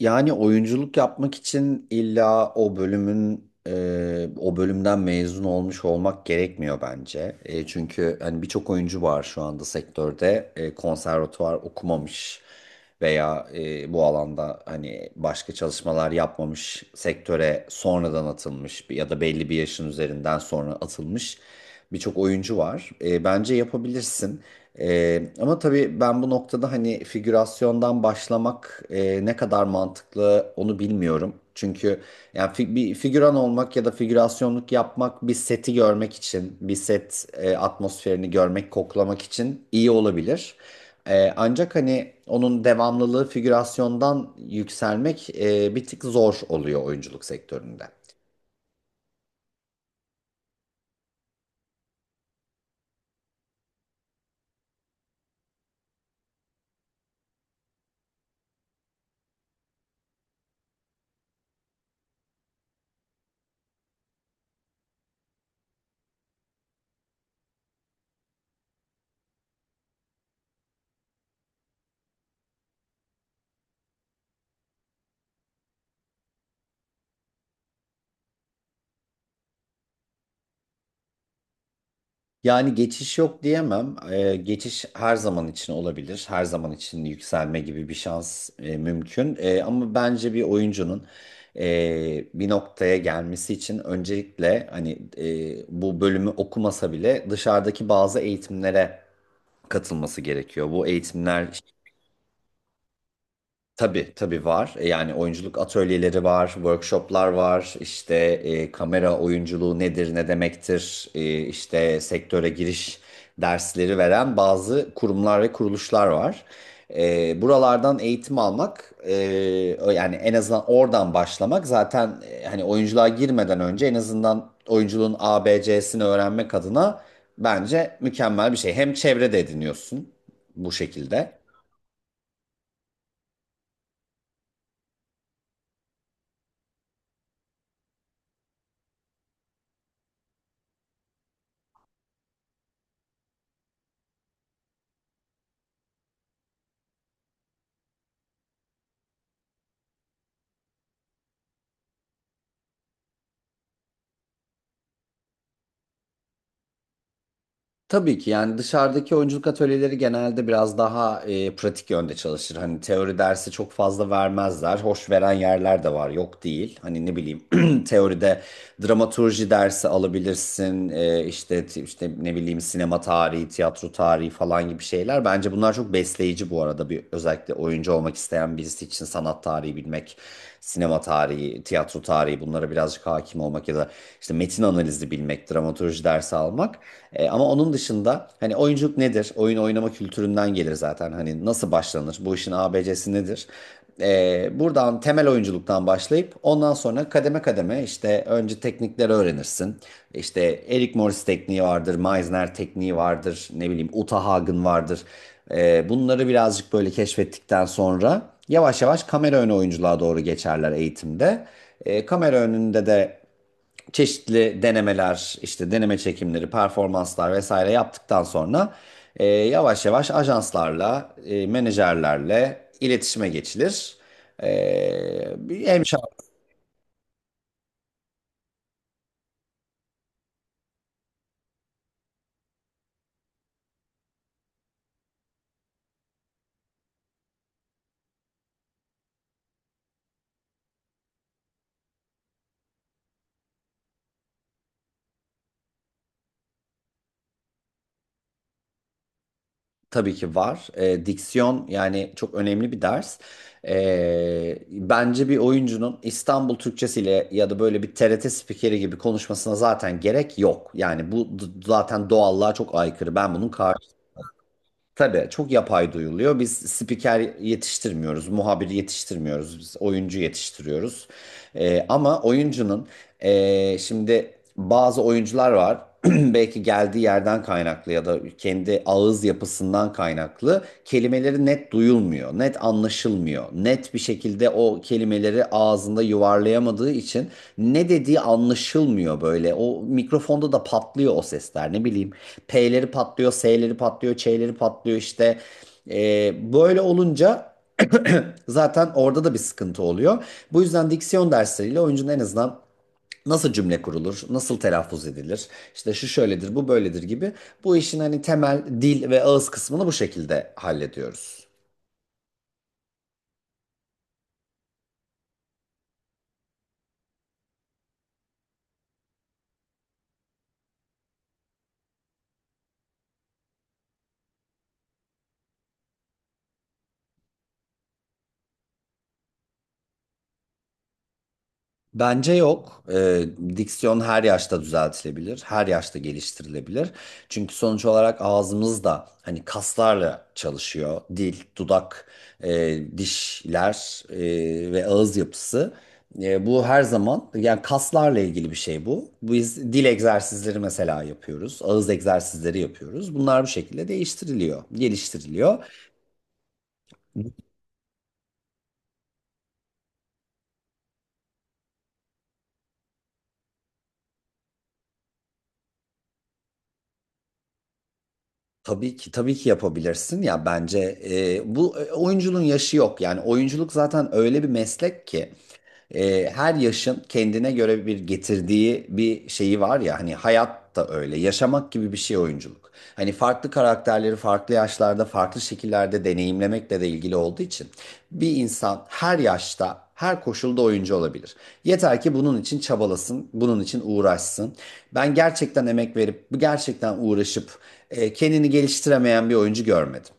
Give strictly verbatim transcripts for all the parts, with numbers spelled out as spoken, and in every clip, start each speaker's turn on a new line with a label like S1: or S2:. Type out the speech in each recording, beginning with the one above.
S1: Yani oyunculuk yapmak için illa o bölümün e, o bölümden mezun olmuş olmak gerekmiyor bence. E, çünkü hani birçok oyuncu var şu anda sektörde e, konservatuvar okumamış veya e, bu alanda hani başka çalışmalar yapmamış sektöre sonradan atılmış ya da belli bir yaşın üzerinden sonra atılmış birçok oyuncu var. E, bence yapabilirsin. Ee, ama tabii ben bu noktada hani figürasyondan başlamak e, ne kadar mantıklı onu bilmiyorum. Çünkü yani fi- bir figüran olmak ya da figürasyonluk yapmak bir seti görmek için, bir set e, atmosferini görmek, koklamak için iyi olabilir. Ee, ancak hani onun devamlılığı figürasyondan yükselmek e, bir tık zor oluyor oyunculuk sektöründe. Yani geçiş yok diyemem. Ee, geçiş her zaman için olabilir. Her zaman için yükselme gibi bir şans e, mümkün. E, ama bence bir oyuncunun e, bir noktaya gelmesi için öncelikle hani e, bu bölümü okumasa bile dışarıdaki bazı eğitimlere katılması gerekiyor. Bu eğitimler. Tabii tabii var. E, Yani oyunculuk atölyeleri var, workshoplar var. İşte e, kamera oyunculuğu nedir, ne demektir? E, işte sektöre giriş dersleri veren bazı kurumlar ve kuruluşlar var. E, buralardan eğitim almak, e, yani en azından oradan başlamak zaten e, hani oyunculuğa girmeden önce en azından oyunculuğun A B C'sini öğrenmek adına bence mükemmel bir şey. Hem çevrede ediniyorsun bu şekilde. Tabii ki yani dışarıdaki oyunculuk atölyeleri genelde biraz daha e, pratik yönde çalışır. Hani teori dersi çok fazla vermezler. Hoş veren yerler de var, yok değil. Hani ne bileyim teoride dramaturji dersi alabilirsin. E, işte işte ne bileyim sinema tarihi, tiyatro tarihi falan gibi şeyler. Bence bunlar çok besleyici bu arada bir özellikle oyuncu olmak isteyen birisi için sanat tarihi bilmek, sinema tarihi, tiyatro tarihi, bunlara birazcık hakim olmak ya da işte metin analizi bilmek, dramaturji dersi almak. E, ama onun dışında hani oyunculuk nedir? Oyun oynama kültüründen gelir zaten. Hani nasıl başlanır? Bu işin A B C'si nedir? E, buradan temel oyunculuktan başlayıp ondan sonra kademe kademe işte önce teknikleri öğrenirsin. İşte Eric Morris tekniği vardır, Meisner tekniği vardır vardır. Ne bileyim Uta Hagen vardır. E, bunları birazcık böyle keşfettikten sonra yavaş yavaş kamera önü oyunculuğa doğru geçerler eğitimde. E, kamera önünde de çeşitli denemeler, işte deneme çekimleri, performanslar vesaire yaptıktan sonra e, yavaş yavaş ajanslarla, e, menajerlerle iletişime geçilir. E, bir hemşire Tabii ki var. E, diksiyon yani çok önemli bir ders. E, bence bir oyuncunun İstanbul Türkçesiyle ya da böyle bir T R T spikeri gibi konuşmasına zaten gerek yok. Yani bu d- zaten doğallığa çok aykırı. Ben bunun karşı. Tabii çok yapay duyuluyor. Biz spiker yetiştirmiyoruz, muhabir yetiştirmiyoruz, biz oyuncu yetiştiriyoruz. Ee, ama oyuncunun ee, şimdi bazı oyuncular var. Belki geldiği yerden kaynaklı ya da kendi ağız yapısından kaynaklı kelimeleri net duyulmuyor, net anlaşılmıyor. Net bir şekilde o kelimeleri ağzında yuvarlayamadığı için ne dediği anlaşılmıyor böyle. O mikrofonda da patlıyor o sesler, ne bileyim. P'leri patlıyor, S'leri patlıyor, Ç'leri patlıyor işte. Ee, böyle olunca zaten orada da bir sıkıntı oluyor. Bu yüzden diksiyon dersleriyle oyuncunun en azından nasıl cümle kurulur, nasıl telaffuz edilir, işte şu şöyledir, bu böyledir gibi bu işin hani temel dil ve ağız kısmını bu şekilde hallediyoruz. Bence yok. Ee, diksiyon her yaşta düzeltilebilir, her yaşta geliştirilebilir. Çünkü sonuç olarak ağzımız da hani kaslarla çalışıyor. Dil, dudak, e, dişler e, ve ağız yapısı. E, bu her zaman yani kaslarla ilgili bir şey bu. Biz dil egzersizleri mesela yapıyoruz, ağız egzersizleri yapıyoruz. Bunlar bu şekilde değiştiriliyor, geliştiriliyor. Tabii ki tabii ki yapabilirsin ya, bence e, bu e, oyunculuğun yaşı yok, yani oyunculuk zaten öyle bir meslek ki e, her yaşın kendine göre bir getirdiği bir şeyi var ya, hani hayat da öyle, yaşamak gibi bir şey oyunculuk. Hani farklı karakterleri farklı yaşlarda farklı şekillerde deneyimlemekle de ilgili olduğu için bir insan her yaşta her koşulda oyuncu olabilir. Yeter ki bunun için çabalasın, bunun için uğraşsın. Ben gerçekten emek verip, gerçekten uğraşıp e, kendini geliştiremeyen bir oyuncu görmedim.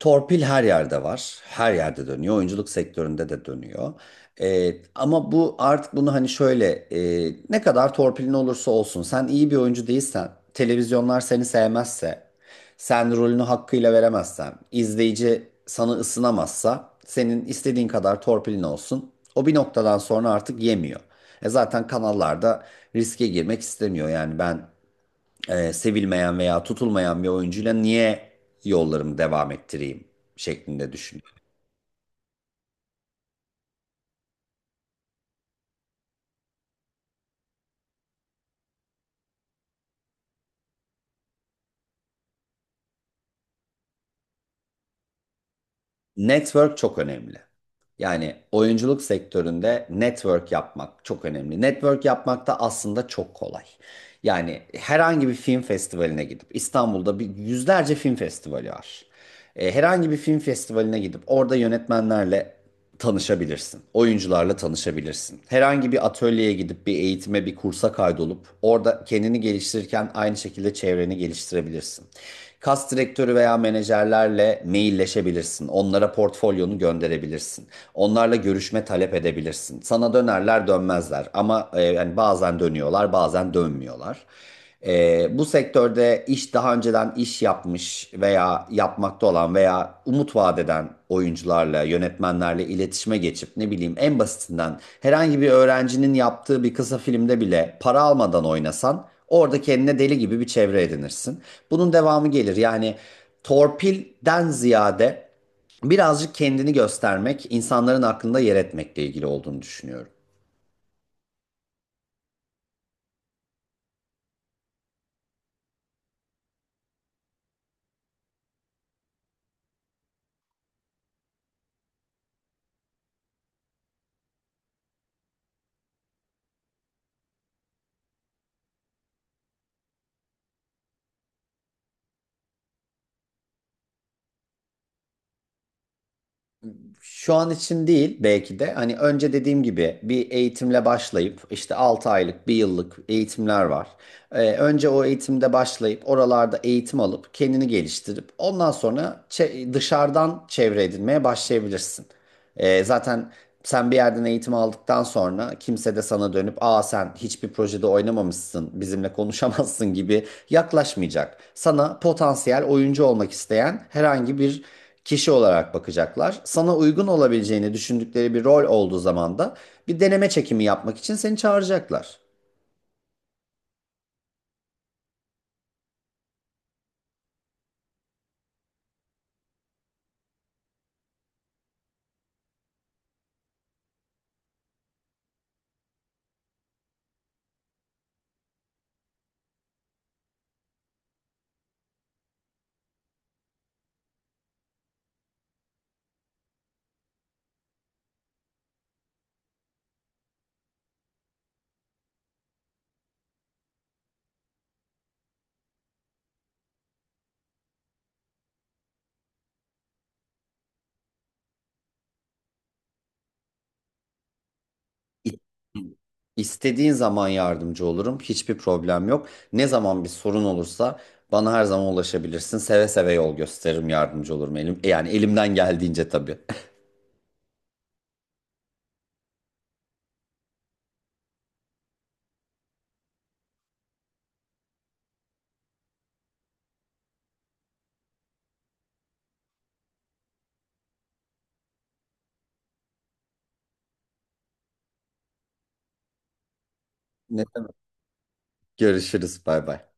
S1: Torpil her yerde var. Her yerde dönüyor. Oyunculuk sektöründe de dönüyor. Ee, ama bu artık bunu hani şöyle, e, ne kadar torpilin olursa olsun sen iyi bir oyuncu değilsen, televizyonlar seni sevmezse, sen rolünü hakkıyla veremezsen, izleyici sana ısınamazsa senin istediğin kadar torpilin olsun. O bir noktadan sonra artık yemiyor. E zaten kanallarda riske girmek istemiyor. Yani ben e, sevilmeyen veya tutulmayan bir oyuncuyla niye yollarımı devam ettireyim şeklinde düşün. Network çok önemli. Yani oyunculuk sektöründe network yapmak çok önemli. Network yapmak da aslında çok kolay. Yani herhangi bir film festivaline gidip, İstanbul'da bir yüzlerce film festivali var. E, herhangi bir film festivaline gidip orada yönetmenlerle tanışabilirsin. Oyuncularla tanışabilirsin. Herhangi bir atölyeye gidip bir eğitime, bir kursa kaydolup orada kendini geliştirirken aynı şekilde çevreni geliştirebilirsin. Kas direktörü veya menajerlerle mailleşebilirsin. Onlara portfolyonu gönderebilirsin. Onlarla görüşme talep edebilirsin. Sana dönerler dönmezler ama e, yani bazen dönüyorlar bazen dönmüyorlar. E, bu sektörde iş daha önceden iş yapmış veya yapmakta olan veya umut vaat eden oyuncularla, yönetmenlerle iletişime geçip, ne bileyim, en basitinden herhangi bir öğrencinin yaptığı bir kısa filmde bile para almadan oynasan, orada kendine deli gibi bir çevre edinirsin. Bunun devamı gelir. Yani torpilden ziyade birazcık kendini göstermek, insanların aklında yer etmekle ilgili olduğunu düşünüyorum. Şu an için değil belki de, hani önce dediğim gibi bir eğitimle başlayıp işte altı aylık, bir yıllık eğitimler var. Ee, önce o eğitimde başlayıp oralarda eğitim alıp kendini geliştirip ondan sonra çe- dışarıdan çevre edinmeye başlayabilirsin. Ee, zaten sen bir yerden eğitim aldıktan sonra kimse de sana dönüp aa sen hiçbir projede oynamamışsın, bizimle konuşamazsın gibi yaklaşmayacak. Sana potansiyel oyuncu olmak isteyen herhangi bir kişi olarak bakacaklar. Sana uygun olabileceğini düşündükleri bir rol olduğu zaman da bir deneme çekimi yapmak için seni çağıracaklar. İ- İstediğin zaman yardımcı olurum. Hiçbir problem yok. Ne zaman bir sorun olursa bana her zaman ulaşabilirsin. Seve seve yol gösteririm, yardımcı olurum elim. Yani elimden geldiğince tabii. Ne demek? Görüşürüz. Bay bay.